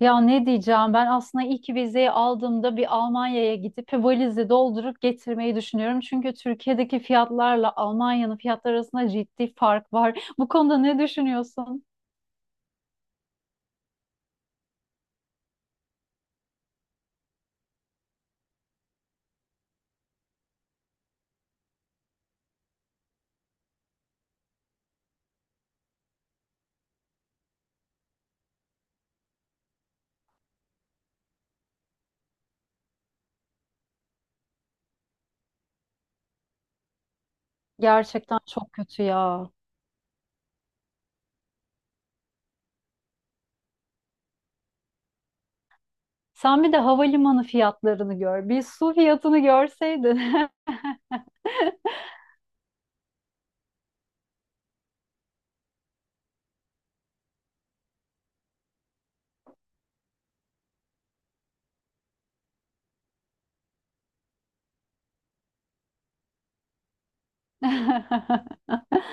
Ya ne diyeceğim, ben aslında ilk vizeyi aldığımda bir Almanya'ya gidip valizi doldurup getirmeyi düşünüyorum. Çünkü Türkiye'deki fiyatlarla Almanya'nın fiyatları arasında ciddi fark var. Bu konuda ne düşünüyorsun? Gerçekten çok kötü ya. Sen bir de havalimanı fiyatlarını gör. Bir su fiyatını görseydin.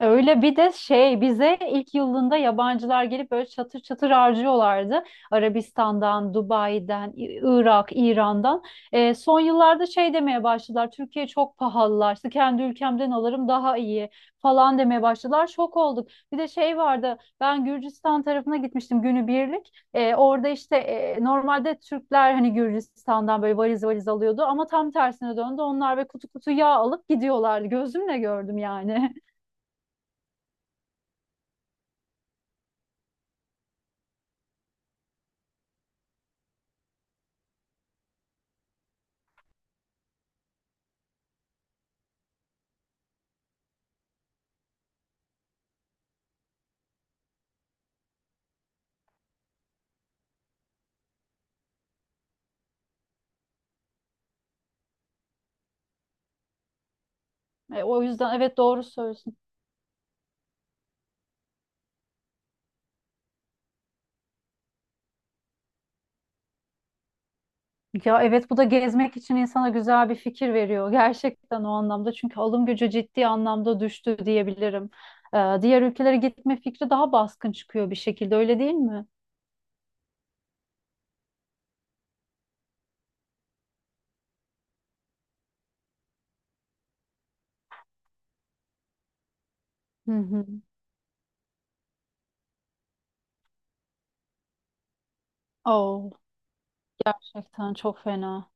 Öyle, bir de şey bize ilk yılında yabancılar gelip böyle çatır çatır harcıyorlardı. Arabistan'dan, Dubai'den, Irak, İran'dan. Son yıllarda şey demeye başladılar. Türkiye çok pahalılaştı. Kendi ülkemden alırım daha iyi falan demeye başladılar. Şok olduk. Bir de şey vardı. Ben Gürcistan tarafına gitmiştim günübirlik. Orada işte normalde Türkler hani Gürcistan'dan böyle valiz valiz alıyordu ama tam tersine döndü. Onlar ve kutu kutu yağ alıp gidiyorlardı. Gözümle gördüm yani. O yüzden evet, doğru söylüyorsun. Ya evet, bu da gezmek için insana güzel bir fikir veriyor. Gerçekten o anlamda, çünkü alım gücü ciddi anlamda düştü diyebilirim. Diğer ülkelere gitme fikri daha baskın çıkıyor bir şekilde, öyle değil mi? Hı hı. Oh, gerçekten çok fena.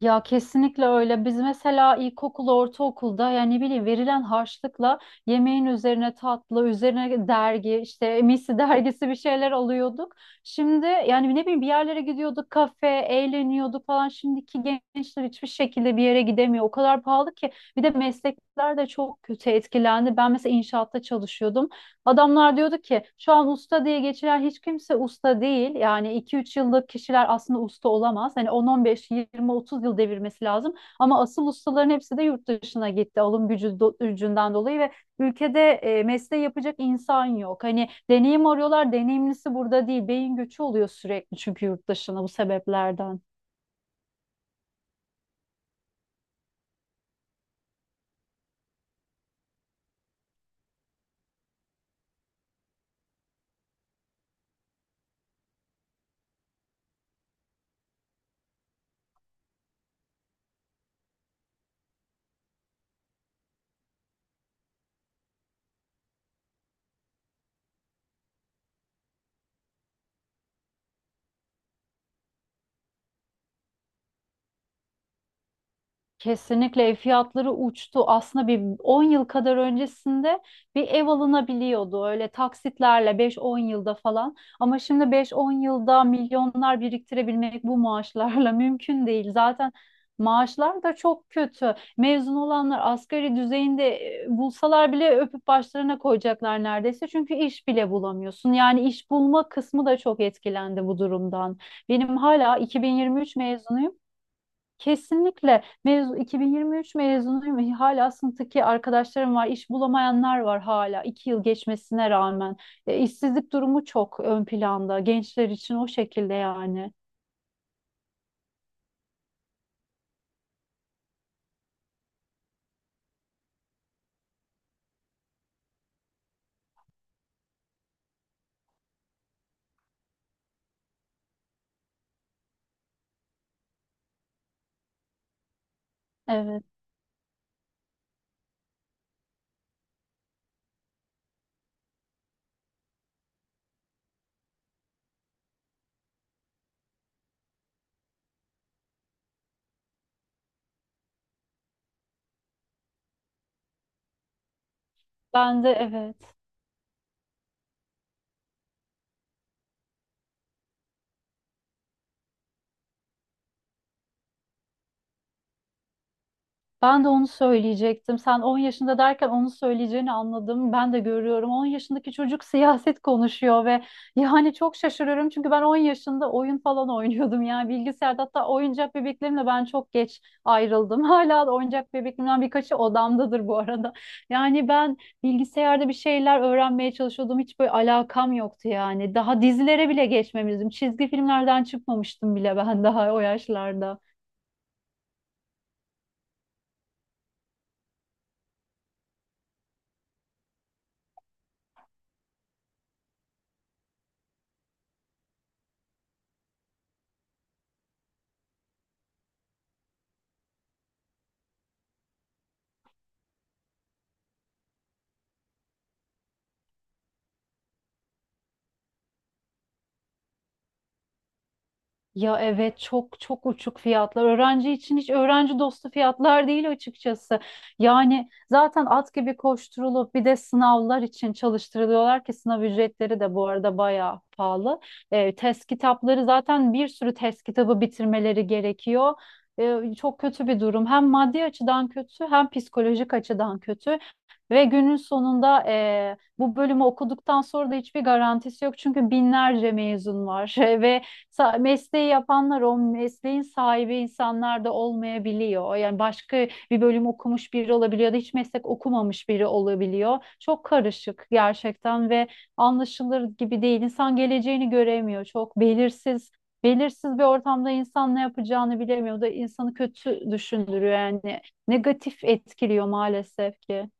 Ya kesinlikle öyle. Biz mesela ilkokul, ortaokulda yani ne bileyim verilen harçlıkla yemeğin üzerine tatlı, üzerine dergi, işte misi dergisi bir şeyler alıyorduk. Şimdi yani ne bileyim bir yerlere gidiyorduk, kafe, eğleniyorduk falan. Şimdiki gençler hiçbir şekilde bir yere gidemiyor. O kadar pahalı ki. Bir de meslekler de çok kötü etkilendi. Ben mesela inşaatta çalışıyordum. Adamlar diyordu ki şu an usta diye geçiren hiç kimse usta değil. Yani iki üç yıllık kişiler aslında usta olamaz. Hani on on beş yirmi otuz yıl devirmesi lazım. Ama asıl ustaların hepsi de yurt dışına gitti alım gücü gücünden dolayı ve ülkede mesleği yapacak insan yok. Hani deneyim arıyorlar, deneyimlisi burada değil. Beyin göçü oluyor sürekli çünkü yurt dışına, bu sebeplerden. Kesinlikle, ev fiyatları uçtu. Aslında bir 10 yıl kadar öncesinde bir ev alınabiliyordu öyle taksitlerle beş on yılda falan. Ama şimdi beş on yılda milyonlar biriktirebilmek bu maaşlarla mümkün değil. Zaten maaşlar da çok kötü. Mezun olanlar asgari düzeyinde bulsalar bile öpüp başlarına koyacaklar neredeyse. Çünkü iş bile bulamıyorsun. Yani iş bulma kısmı da çok etkilendi bu durumdan. Benim hala 2023 mezunuyum. Kesinlikle mezun, 2023 mezunuyum. Hala sınıftaki arkadaşlarım var, iş bulamayanlar var hala, iki yıl geçmesine rağmen. İşsizlik durumu çok ön planda gençler için, o şekilde yani. Evet. Ben de evet. Ben de onu söyleyecektim. Sen 10 yaşında derken onu söyleyeceğini anladım. Ben de görüyorum. 10 yaşındaki çocuk siyaset konuşuyor ve yani çok şaşırıyorum. Çünkü ben 10 yaşında oyun falan oynuyordum. Yani bilgisayarda, hatta oyuncak bebeklerimle ben çok geç ayrıldım. Hala da oyuncak bebeklerimden birkaçı odamdadır bu arada. Yani ben bilgisayarda bir şeyler öğrenmeye çalışıyordum. Hiç böyle alakam yoktu yani. Daha dizilere bile geçmemiştim. Çizgi filmlerden çıkmamıştım bile ben daha o yaşlarda. Ya evet, çok çok uçuk fiyatlar. Öğrenci için hiç öğrenci dostu fiyatlar değil açıkçası. Yani zaten at gibi koşturulup bir de sınavlar için çalıştırılıyorlar ki sınav ücretleri de bu arada bayağı pahalı. Test kitapları zaten, bir sürü test kitabı bitirmeleri gerekiyor. Çok kötü bir durum. Hem maddi açıdan kötü, hem psikolojik açıdan kötü. Ve günün sonunda bu bölümü okuduktan sonra da hiçbir garantisi yok. Çünkü binlerce mezun var ve mesleği yapanlar o mesleğin sahibi insanlar da olmayabiliyor. Yani başka bir bölüm okumuş biri olabiliyor da hiç meslek okumamış biri olabiliyor. Çok karışık gerçekten ve anlaşılır gibi değil. İnsan geleceğini göremiyor. Çok belirsiz. Belirsiz bir ortamda insan ne yapacağını bilemiyor. O da insanı kötü düşündürüyor yani. Negatif etkiliyor maalesef ki.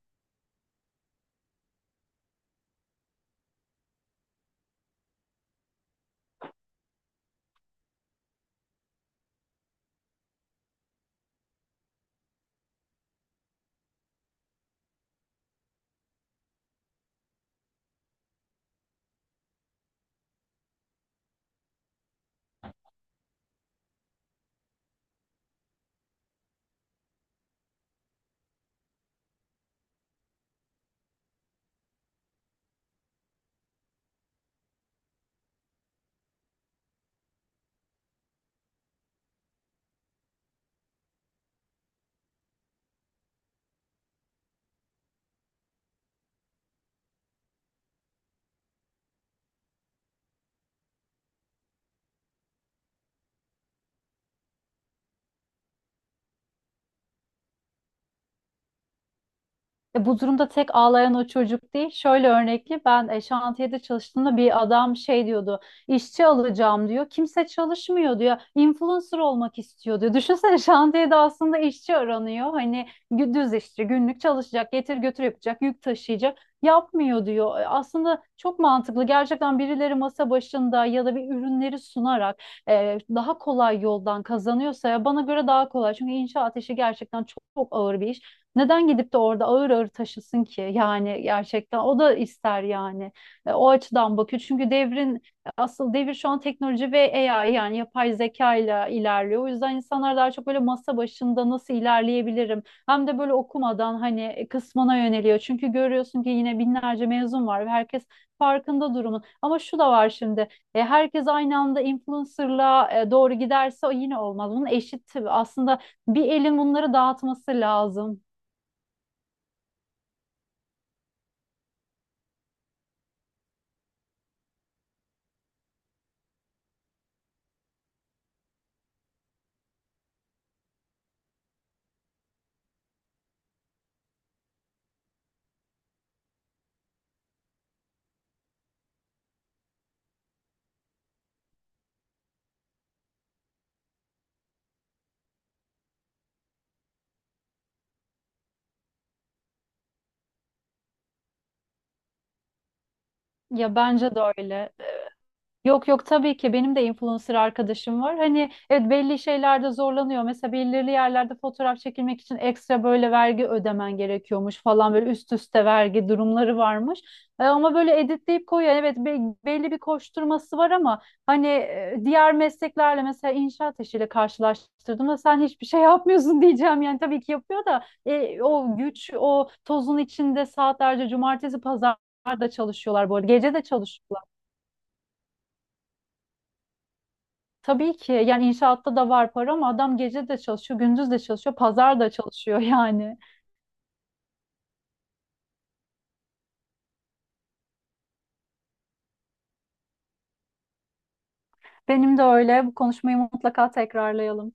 Bu durumda tek ağlayan o çocuk değil. Şöyle örnekli, ben şantiyede çalıştığımda bir adam şey diyordu. İşçi alacağım diyor. Kimse çalışmıyor diyor. Influencer olmak istiyor diyor. Düşünsene, şantiyede aslında işçi aranıyor. Hani düz işçi, günlük çalışacak, getir götür yapacak, yük taşıyacak. Yapmıyor diyor. E, aslında çok mantıklı. Gerçekten birileri masa başında ya da bir ürünleri sunarak daha kolay yoldan kazanıyorsa, ya bana göre daha kolay. Çünkü inşaat işi gerçekten çok, çok ağır bir iş. Neden gidip de orada ağır ağır taşısın ki? Yani gerçekten o da ister yani. O açıdan bakıyor. Çünkü devrin asıl devir şu an teknoloji ve AI, yani yapay zeka ile ilerliyor. O yüzden insanlar daha çok böyle masa başında nasıl ilerleyebilirim? Hem de böyle okumadan hani kısmına yöneliyor. Çünkü görüyorsun ki yine binlerce mezun var ve herkes farkında durumun. Ama şu da var şimdi. E, herkes aynı anda influencer'la doğru giderse o yine olmaz. Bunun eşit aslında, bir elin bunları dağıtması lazım. Ya bence de öyle. Yok yok, tabii ki benim de influencer arkadaşım var. Hani evet, belli şeylerde zorlanıyor. Mesela belirli yerlerde fotoğraf çekilmek için ekstra böyle vergi ödemen gerekiyormuş falan, böyle üst üste vergi durumları varmış. E, ama böyle editleyip koyuyor. Yani evet, belli bir koşturması var ama hani diğer mesleklerle, mesela inşaat işiyle karşılaştırdığımda sen hiçbir şey yapmıyorsun diyeceğim. Yani tabii ki yapıyor da o güç, o tozun içinde saatlerce cumartesi pazar da çalışıyorlar bu arada. Gece de çalışıyorlar. Tabii ki yani inşaatta da var para, ama adam gece de çalışıyor, gündüz de çalışıyor, pazar da çalışıyor yani. Benim de öyle. Bu konuşmayı mutlaka tekrarlayalım.